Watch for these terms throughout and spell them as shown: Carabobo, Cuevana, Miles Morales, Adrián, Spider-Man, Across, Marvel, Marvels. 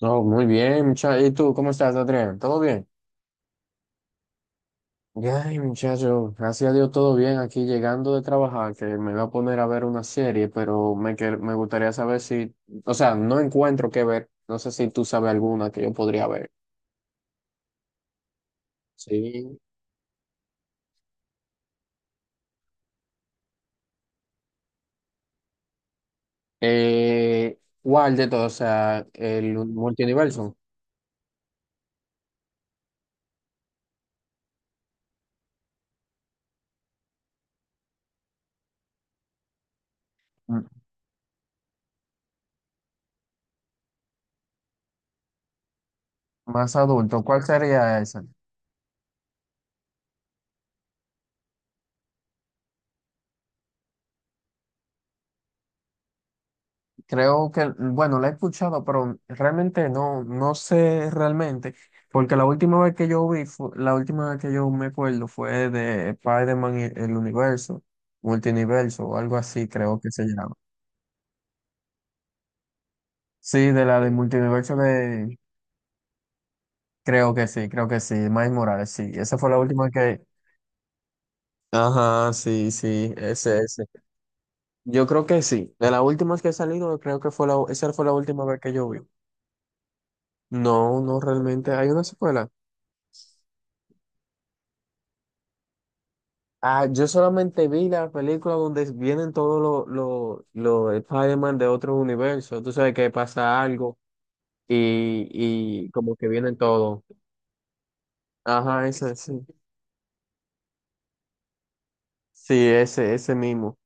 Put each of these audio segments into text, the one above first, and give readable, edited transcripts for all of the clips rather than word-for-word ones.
No, muy bien, muchacho. ¿Y tú cómo estás, Adrián? ¿Todo bien? Ay, muchacho, gracias a Dios todo bien aquí llegando de trabajar, que me voy a poner a ver una serie, pero me gustaría saber si, o sea, no encuentro qué ver. No sé si tú sabes alguna que yo podría ver. Sí. ¿Cuál de todos? O sea, el multiverso. Más adulto, ¿cuál sería esa? Creo que, bueno, la he escuchado, pero realmente no sé realmente, porque la última vez que yo vi, la última vez que yo me acuerdo fue de Spider-Man y el universo, multiverso o algo así, creo que se llama. Sí, de la del multiverso de, creo que sí, Miles Morales, sí, esa fue la última que... Ajá, sí, sí, ese, ese. Yo creo que sí, de las últimas que he salido, creo que fue la, esa fue la última vez que yo vi. No, no realmente, hay una secuela. Ah, yo solamente vi la película donde vienen todos los Spider-Man de otros universos. Tú sabes que pasa algo y como que vienen todos. Ajá, ese, sí. Sí, ese mismo.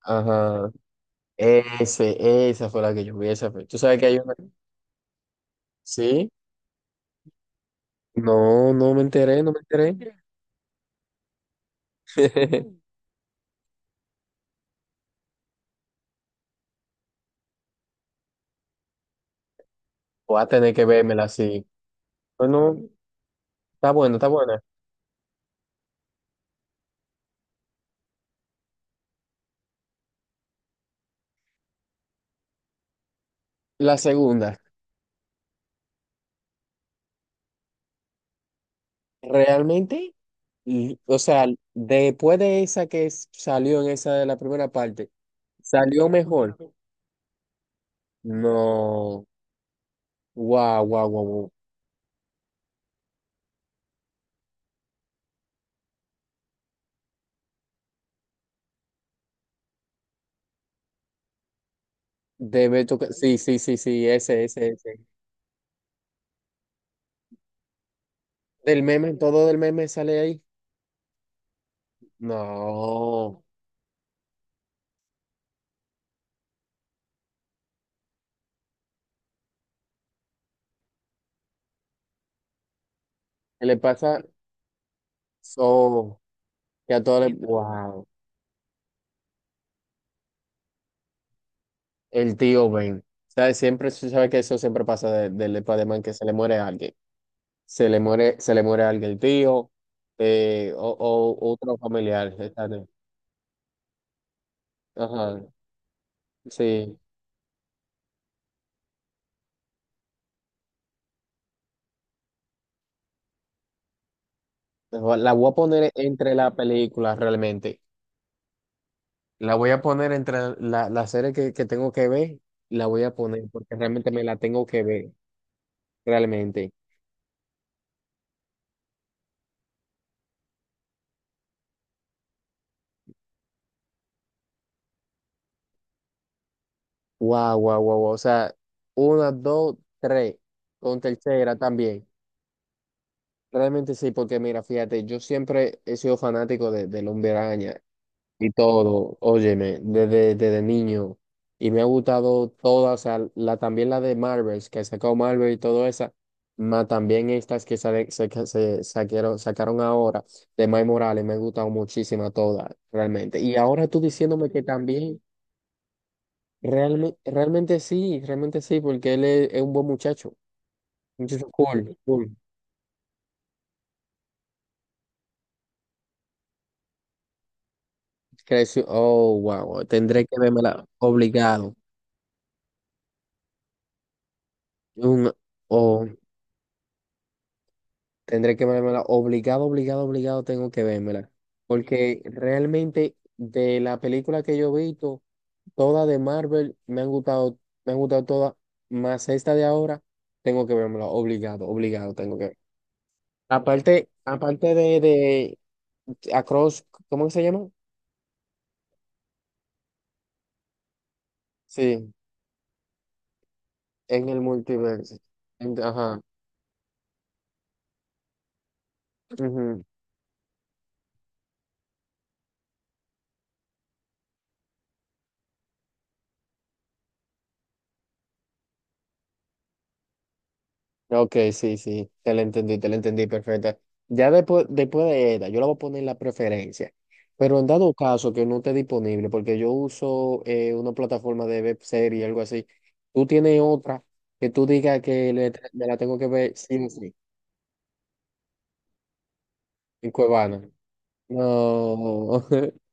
Ajá. Ese, esa fue la que yo vi, esa fue. Tú sabes que hay una. Sí. No, no me enteré, no me enteré. Voy a tener que vérmela así. Bueno, bueno, está buena. La segunda, realmente. Y, o sea, después de esa salió en esa de la primera parte, ¿salió mejor? No. Guau, guau, guau, guau. Debe tocar. Sí, sí, sí, sí, ese, ese, ese. Del meme, todo del meme sale ahí. No. ¿Qué le pasa? So, que a todos les. Wow. El tío Ben. ¿Sabes? Siempre, sabes que eso siempre pasa del Spider-Man, que se le muere a alguien. Se le muere a alguien el tío, o otro familiar. Está bien. Ajá. Sí, la voy a poner entre la película realmente. La voy a poner entre la, la serie que tengo que ver, la voy a poner porque realmente me la tengo que ver, realmente. Guau, guau, guau, guau. O sea, una, dos, tres, con tercera también. Realmente sí, porque mira, fíjate, yo siempre he sido fanático de, del Hombre Araña. Y todo, óyeme, desde, desde niño. Y me ha gustado todas, o sea, la, también la de Marvels, que sacó Marvel y todo esa, más también estas que se sacaron ahora de Miles Morales, me ha gustado muchísimo todas, realmente. Y ahora tú diciéndome que también, realmente, realmente sí, porque él es un buen muchacho. Muchacho cool, cool. Creció, oh, wow, tendré que verla obligado. Un, oh, tendré que vérmela. Obligado, obligado, obligado tengo que vérmela. Porque realmente de la película que yo he visto, todas de Marvel me han gustado todas, más esta de ahora, tengo que vérmela. Obligado, obligado tengo que ver. Aparte, aparte de Across, ¿cómo que se llama? Sí, en el multiverso. En- ajá. Ujú. Ok, sí, sí, te la entendí, perfecta. Ya después, después de ella, yo la voy a poner en la preferencia. Pero en dado caso que no esté disponible, porque yo uso una plataforma de web serie, algo así, tú tienes otra que tú digas me la tengo que ver sí o sí, en Cuevana. No.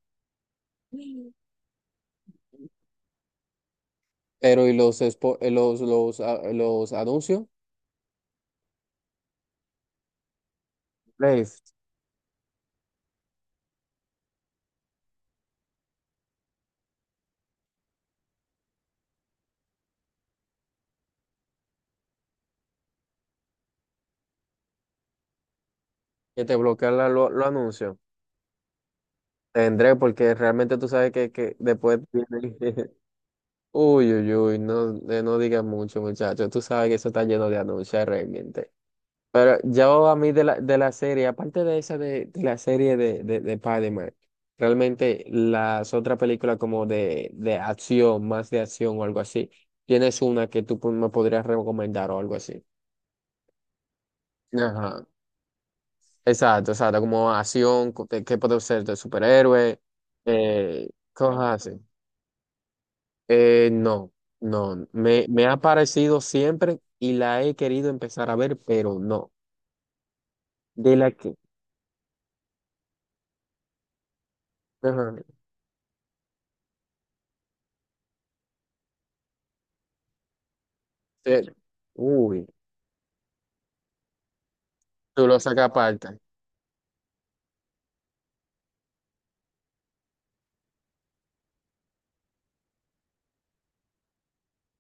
Pero y los, los anuncios, Place, que te bloquean los anuncios. Tendré, porque realmente tú sabes que después viene. Uy, uy, uy, no, no digas mucho, muchacho. Tú sabes que eso está lleno de anuncios realmente. Pero yo a mí de la serie, aparte de esa de la serie de Spider-Man, realmente las otras películas como de acción, más de acción o algo así, tienes una que me podrías recomendar o algo así. Ajá. Exacto, exacto, como acción, que puede ser de superhéroe, cosas así. No, no, me ha parecido siempre y la he querido empezar a ver, pero no. De la que. Ajá. eh, uy, tú lo sacas aparte.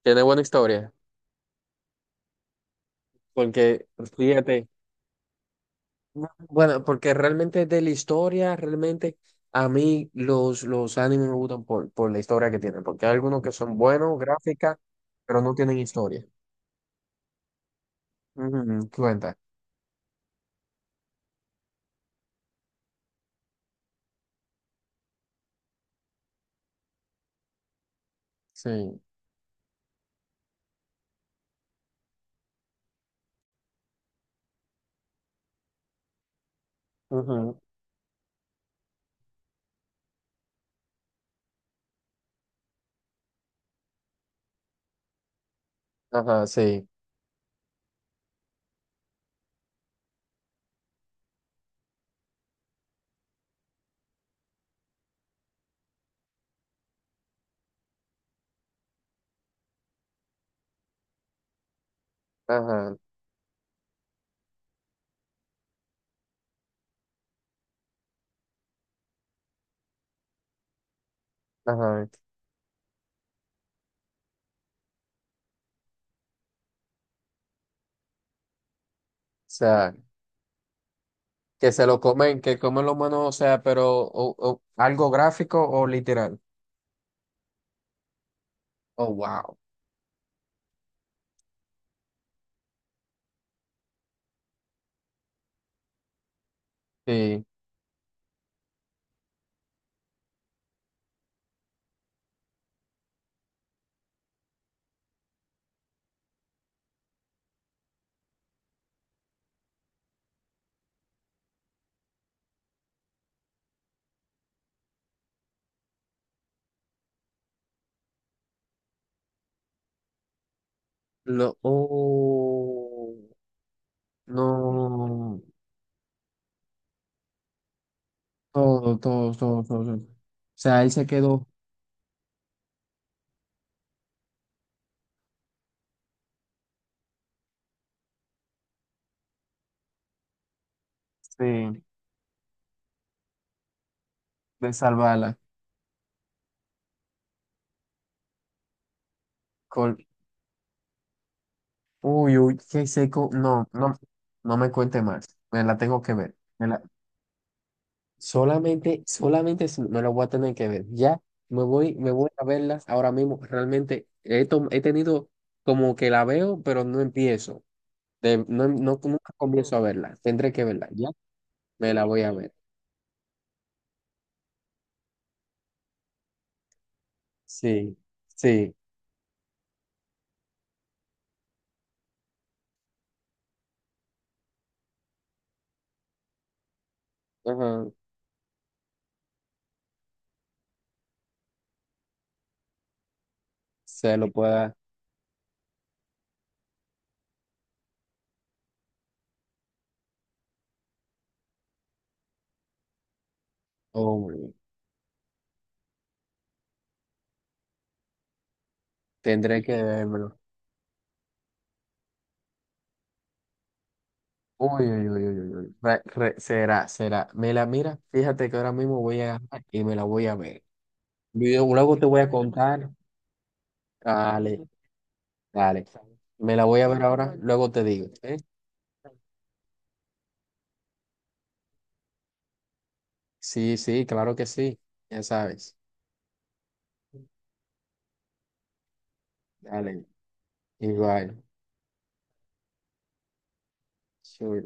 Tiene buena historia, porque fíjate, bueno, porque realmente de la historia, realmente a mí los animes me gustan por la historia que tienen, porque hay algunos que son buenos, gráficas, pero no tienen historia. Ujú, cuenta. Sí. Ujú, ajá, sí. Ajá, ajá. O sea. Que se lo comen, que comen los humanos, o sea, pero o algo gráfico o literal. Oh, wow. Sí. Lo, oh, no. Todo, todo, todo, todo, todo. O sea, él se quedó sí, de salvarla. Col- uy, uy, qué seco. No, no, no me cuente más. Me la tengo que ver. Me la- solamente, solamente si me lo voy a tener que ver. Ya me voy a verlas ahora mismo. Realmente he, he tenido como que la veo, pero no empiezo. Nunca comienzo a verla. Tendré que verla. Ya me la voy a ver. Sí, sí. Ajá, se lo pueda. Hombre, tendré que vérmelo. Uy, uy, uy, uy, uy, uy. Será, será. Me la mira. Fíjate que ahora mismo voy a agarrar y me la voy a ver. Luego luego te voy a contar. Dale. Dale, me la voy a ver ahora, luego te digo, ¿eh? Sí, sí, claro que sí, ya sabes. Dale, igual. Sure.